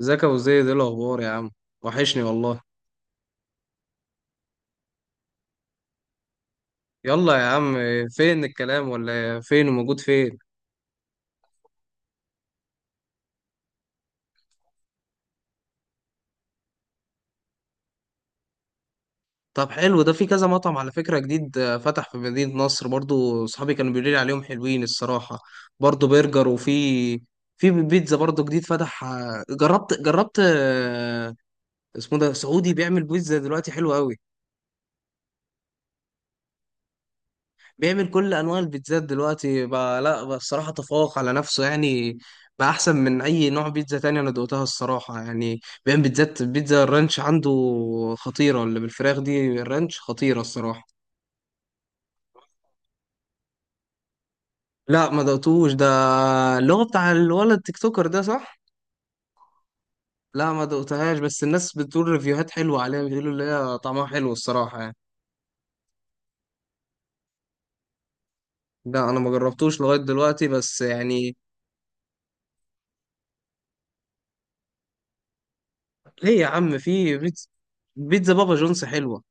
ازيك يا ابو زيد؟ ايه الاخبار يا عم؟ وحشني والله. يلا يا عم. فين الكلام ولا فين وموجود فين؟ طب حلو، ده في كذا مطعم على فكرة جديد فتح في مدينة نصر، برضو صحابي كانوا بيقولوا لي عليهم حلوين الصراحة. برضو برجر، وفي بيتزا برضو جديد فتح، آه، جربت. اسمه ده سعودي، بيعمل بيتزا دلوقتي حلو قوي. بيعمل كل انواع البيتزات دلوقتي بقى، لا بقى الصراحه تفوق على نفسه يعني، بقى احسن من اي نوع بيتزا تاني، انا دوقتها الصراحه يعني. بيعمل بيتزا الرانش عنده خطيره، اللي بالفراخ دي الرانش خطيره الصراحه. لا ما دقتوش ده، اللي هو بتاع الولد تيك توكر ده، صح؟ لا ما دقتهاش، بس الناس بتقول ريفيوهات حلوه عليها، بيقولوا اللي هي طعمها حلو الصراحه يعني. لا انا ما جربتوش لغايه دلوقتي بس يعني. ليه يا عم؟ في بيتزا، بيتزا بابا جونز حلوه.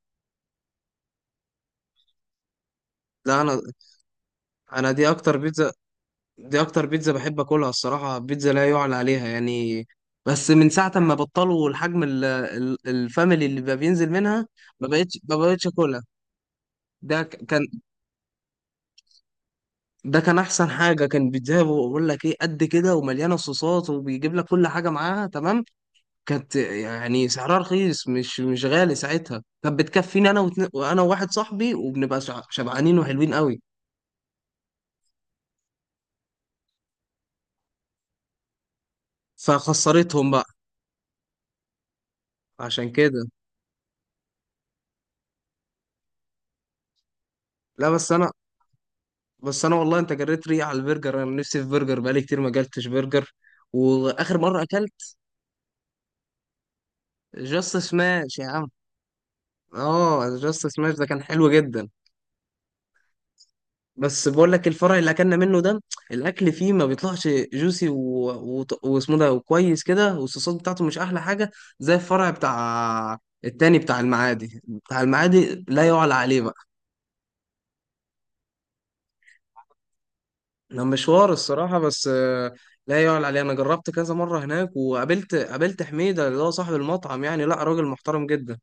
لا انا دي اكتر بيتزا بحب اكلها الصراحه، بيتزا لا يعلى عليها يعني. بس من ساعه ما بطلوا الحجم الفاميلي اللي بقى بينزل منها، ما بقتش اكلها. ده كان، ده كان احسن حاجه، كان بيتزا بقول لك ايه قد كده، ومليانه صوصات، وبيجيب لك كل حاجه معاها تمام، كانت يعني سعرها رخيص، مش غالي ساعتها، كانت بتكفيني انا وانا وواحد صاحبي، وبنبقى شبعانين وحلوين قوي. فخسرتهم بقى، عشان كده. لا بس انا والله انت جريت ريقي على البرجر، انا نفسي في برجر، بقالي كتير ما اكلتش برجر، واخر مره اكلت جاست سماش يا عم. اه جاست سماش ده كان حلو جدا، بس بقول لك الفرع اللي اكلنا منه ده الاكل فيه ما بيطلعش جوسي واسمه ده، وكويس كده، والصوصات بتاعته مش احلى حاجه، زي الفرع بتاع التاني بتاع المعادي لا يعلى عليه. ده مشوار الصراحة بس، لا يعلى عليه، أنا جربت كذا مرة هناك، وقابلت حميدة، اللي هو صاحب المطعم يعني، لا راجل محترم جدا.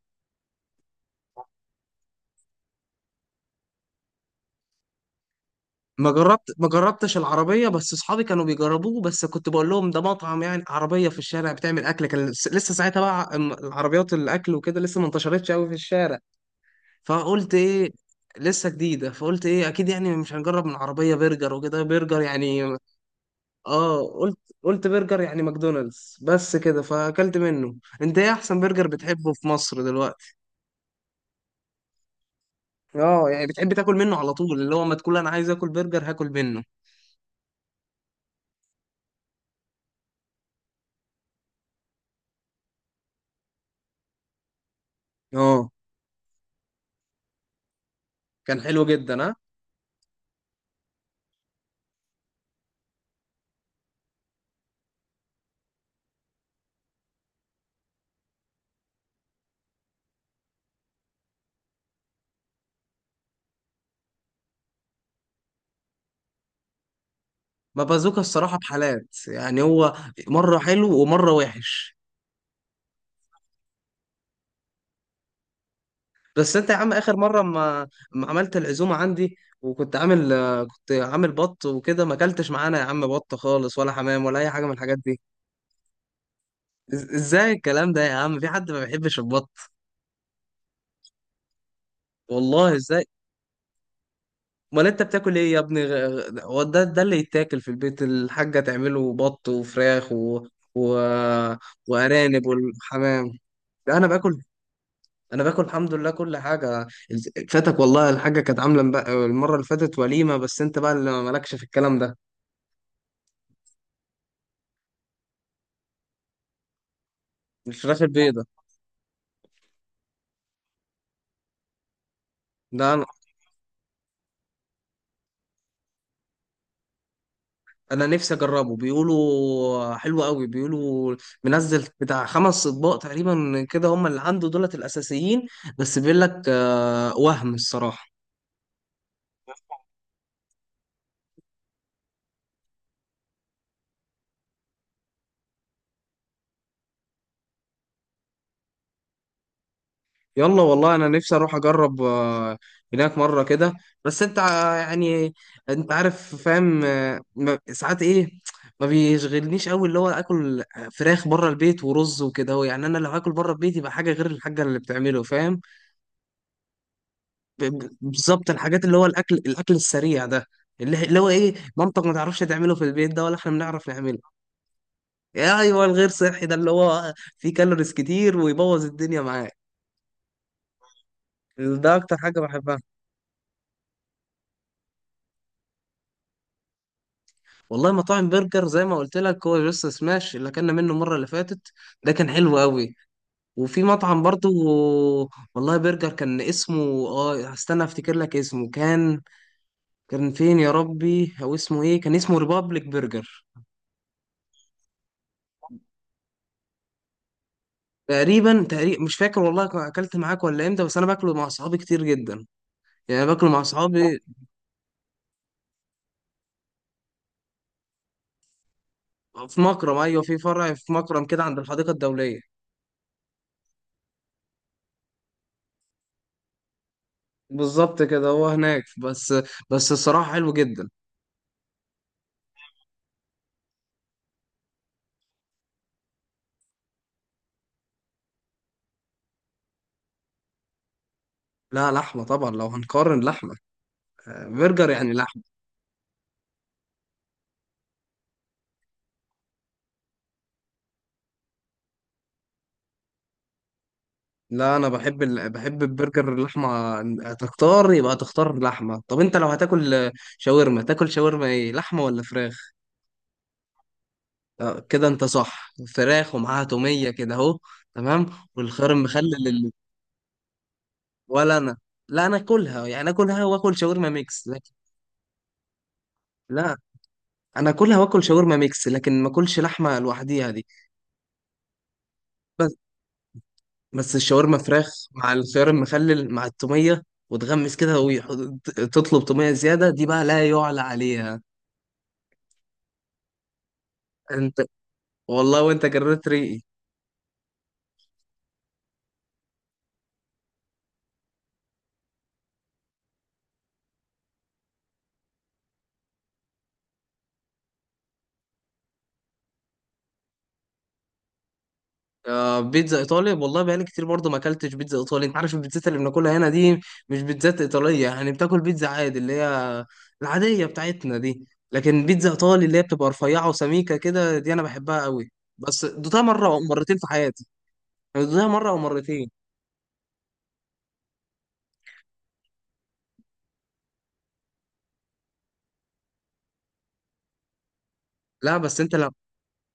ما جربتش العربية، بس أصحابي كانوا بيجربوه، بس كنت بقول لهم ده مطعم يعني عربية في الشارع بتعمل أكل، كان لسه ساعتها بقى العربيات الأكل وكده لسه ما انتشرتش أوي في الشارع، فقلت إيه، لسه جديدة، فقلت إيه أكيد يعني مش هنجرب من عربية برجر وكده، برجر يعني. اه قلت برجر يعني ماكدونالدز بس كده، فاكلت منه. انت ايه احسن برجر بتحبه في مصر دلوقتي؟ اه، يعني بتحب تاكل منه على طول، اللي هو ما تقول انا عايز اكل برجر، هاكل منه. اه كان حلو جدا ها. ما بازوكا الصراحه بحالات يعني، هو مره حلو ومره وحش. بس انت يا عم اخر مره ما عملت العزومه عندي، وكنت عامل آه، كنت عامل بط وكده، ما اكلتش معانا يا عم بط خالص، ولا حمام، ولا اي حاجه من الحاجات دي. ازاي الكلام ده يا عم، في حد ما بيحبش البط؟ والله ازاي. امال انت بتاكل ايه يا ابني؟ هو ده اللي يتاكل في البيت، الحاجه تعمله بط وفراخ و... وارانب والحمام. لا، انا باكل، انا باكل الحمد لله كل حاجه. فاتك والله الحاجه، كانت عامله المره اللي فاتت وليمه، بس انت بقى اللي مالكش في الكلام ده. الفراخ البيضه، ده انا. انا نفسي اجربه، بيقولوا حلو قوي، بيقولوا منزل بتاع خمس اطباق تقريبا كده، هم اللي عنده دولت الاساسيين. بس بيقول لك وهم الصراحه. يلا والله انا نفسي اروح اجرب، هناك مره كده. بس انت يعني، انت عارف فاهم، ساعات ايه، ما بيشغلنيش قوي اللي هو اكل فراخ بره البيت ورز وكده، هو يعني انا لو هاكل بره البيت يبقى حاجه غير الحاجه اللي بتعمله، فاهم؟ بالظبط الحاجات اللي هو الاكل السريع ده، اللي هو ايه مامتك ما تعرفش تعمله في البيت، ده ولا احنا بنعرف نعمله. يا ايوه الغير صحي ده اللي هو فيه كالوريز كتير ويبوظ الدنيا معاك، ده اكتر حاجه بحبها. والله مطاعم برجر زي ما قلت لك هو جاست سماش، اللي اكلنا منه المره اللي فاتت ده كان حلو قوي. وفي مطعم برضو، والله، برجر كان اسمه، اه هستنى افتكر لك اسمه، كان كان فين يا ربي او اسمه ايه؟ كان اسمه ريبابليك برجر. تقريبا مش فاكر والله كان اكلت معاك ولا امتى، بس انا باكله مع اصحابي كتير جدا، يعني باكله مع اصحابي. في مكرم، ايوه في فرع في مكرم كده عند الحديقه الدوليه. بالظبط كده، هو هناك بس، بس الصراحه حلو جدا. لا لحمه طبعا، لو هنقارن لحمه، برجر يعني لحمة. لا انا بحب بحب البرجر اللحمة، هتختار يبقى تختار لحمة. طب انت لو هتاكل شاورما، تاكل شاورما ايه، لحمة ولا فراخ؟ كده انت صح، فراخ ومعاها تومية كده اهو. تمام. والخيار المخلل ولا انا، لا انا اكلها يعني، اكلها واكل شاورما ميكس لكن، لا انا اكلها واكل شاورما ميكس لكن ما اكلش لحمة لوحديها دي. بس الشاورما فراخ مع الخيار المخلل مع التومية، وتغمس كده وتطلب تومية زيادة، دي بقى لا يعلى عليها. انت، والله وانت جريت ريقي. آه بيتزا ايطالي، والله بقالي كتير برضه ما اكلتش بيتزا ايطالي، انت عارف البيتزات اللي بناكلها هنا دي مش بيتزات ايطالية يعني، بتاكل بيتزا عادي اللي هي العادية بتاعتنا دي، لكن بيتزا ايطالي اللي هي بتبقى رفيعة وسميكة كده دي انا بحبها قوي، بس دوتها مرة او مرتين في حياتي، يعني دوتها مرة او مرتين. لا بس انت لو،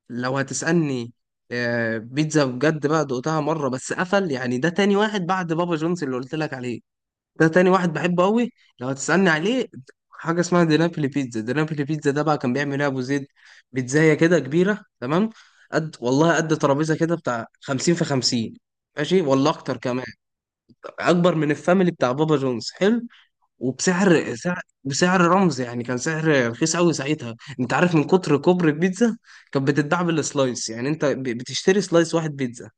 لو هتسألني، بيتزا بجد بقى دقتها مرة بس، قفل يعني، ده تاني واحد بعد بابا جونز اللي قلت لك عليه، ده تاني واحد بحبه قوي، لو هتسألني عليه، حاجة اسمها دينابلي بيتزا ده بقى كان بيعمل ايه أبو زيد، بيتزاية كده كبيرة تمام قد والله، قد ترابيزة كده بتاع 50 في 50، ماشي والله أكتر كمان، أكبر من الفاميلي بتاع بابا جونز، حلو. وبسعر سعر بسعر رمز يعني، كان سعر رخيص قوي ساعتها. انت عارف من كتر كبر البيتزا، كانت بتتباع بالسلايس، يعني انت بتشتري سلايس واحد بيتزا،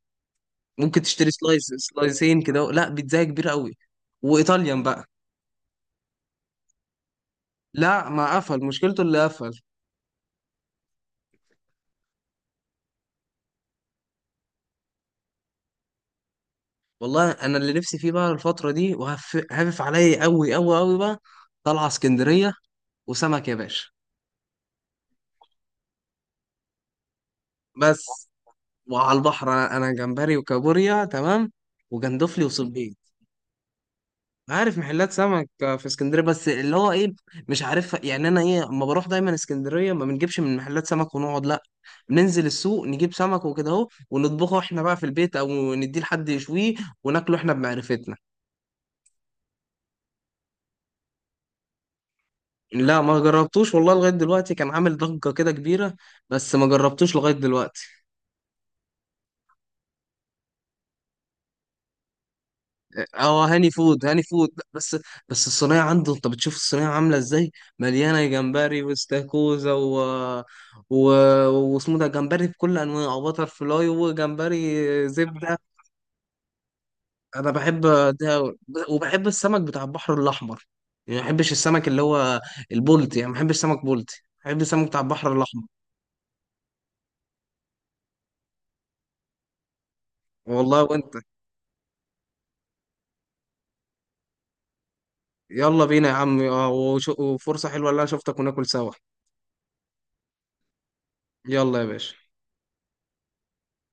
ممكن تشتري سلايس سلايسين كده، لا بيتزا كبيره قوي. وايطاليان بقى. لا ما قفل، مشكلته اللي قفل. والله انا اللي نفسي فيه بقى الفتره دي، وهفف عليا قوي قوي قوي بقى، طالعه اسكندريه وسمك يا باشا. بس وعلى البحر، انا جمبري وكابوريا تمام، وجندفلي وصبيط. عارف محلات سمك في اسكندريه بس اللي هو ايه، مش عارف يعني انا ايه، اما بروح دايما اسكندريه ما بنجيبش من محلات سمك ونقعد، لا ننزل السوق نجيب سمك وكده اهو ونطبخه احنا بقى في البيت، او نديه لحد يشويه وناكله احنا بمعرفتنا. لا ما جربتوش والله لغايه دلوقتي، كان عامل ضجه كده كبيره، بس ما جربتوش لغايه دلوقتي. اه هاني فود، هاني فود، لا بس. بس الصينيه عنده، انت بتشوف الصينيه عامله ازاي، مليانه جمبري واستاكوزا و... واسمه ده، جمبري بكل انواعه وبتر فلاي وجمبري زبده. انا بحب ده، وبحب السمك بتاع البحر الاحمر، يعني ما بحبش السمك اللي هو البولتي، يعني ما بحبش سمك بولتي، بحب السمك بتاع البحر الاحمر. والله وانت، يلا بينا يا عم، وفرصه حلوه اللي انا شفتك وناكل سوا. يلا يا باشا.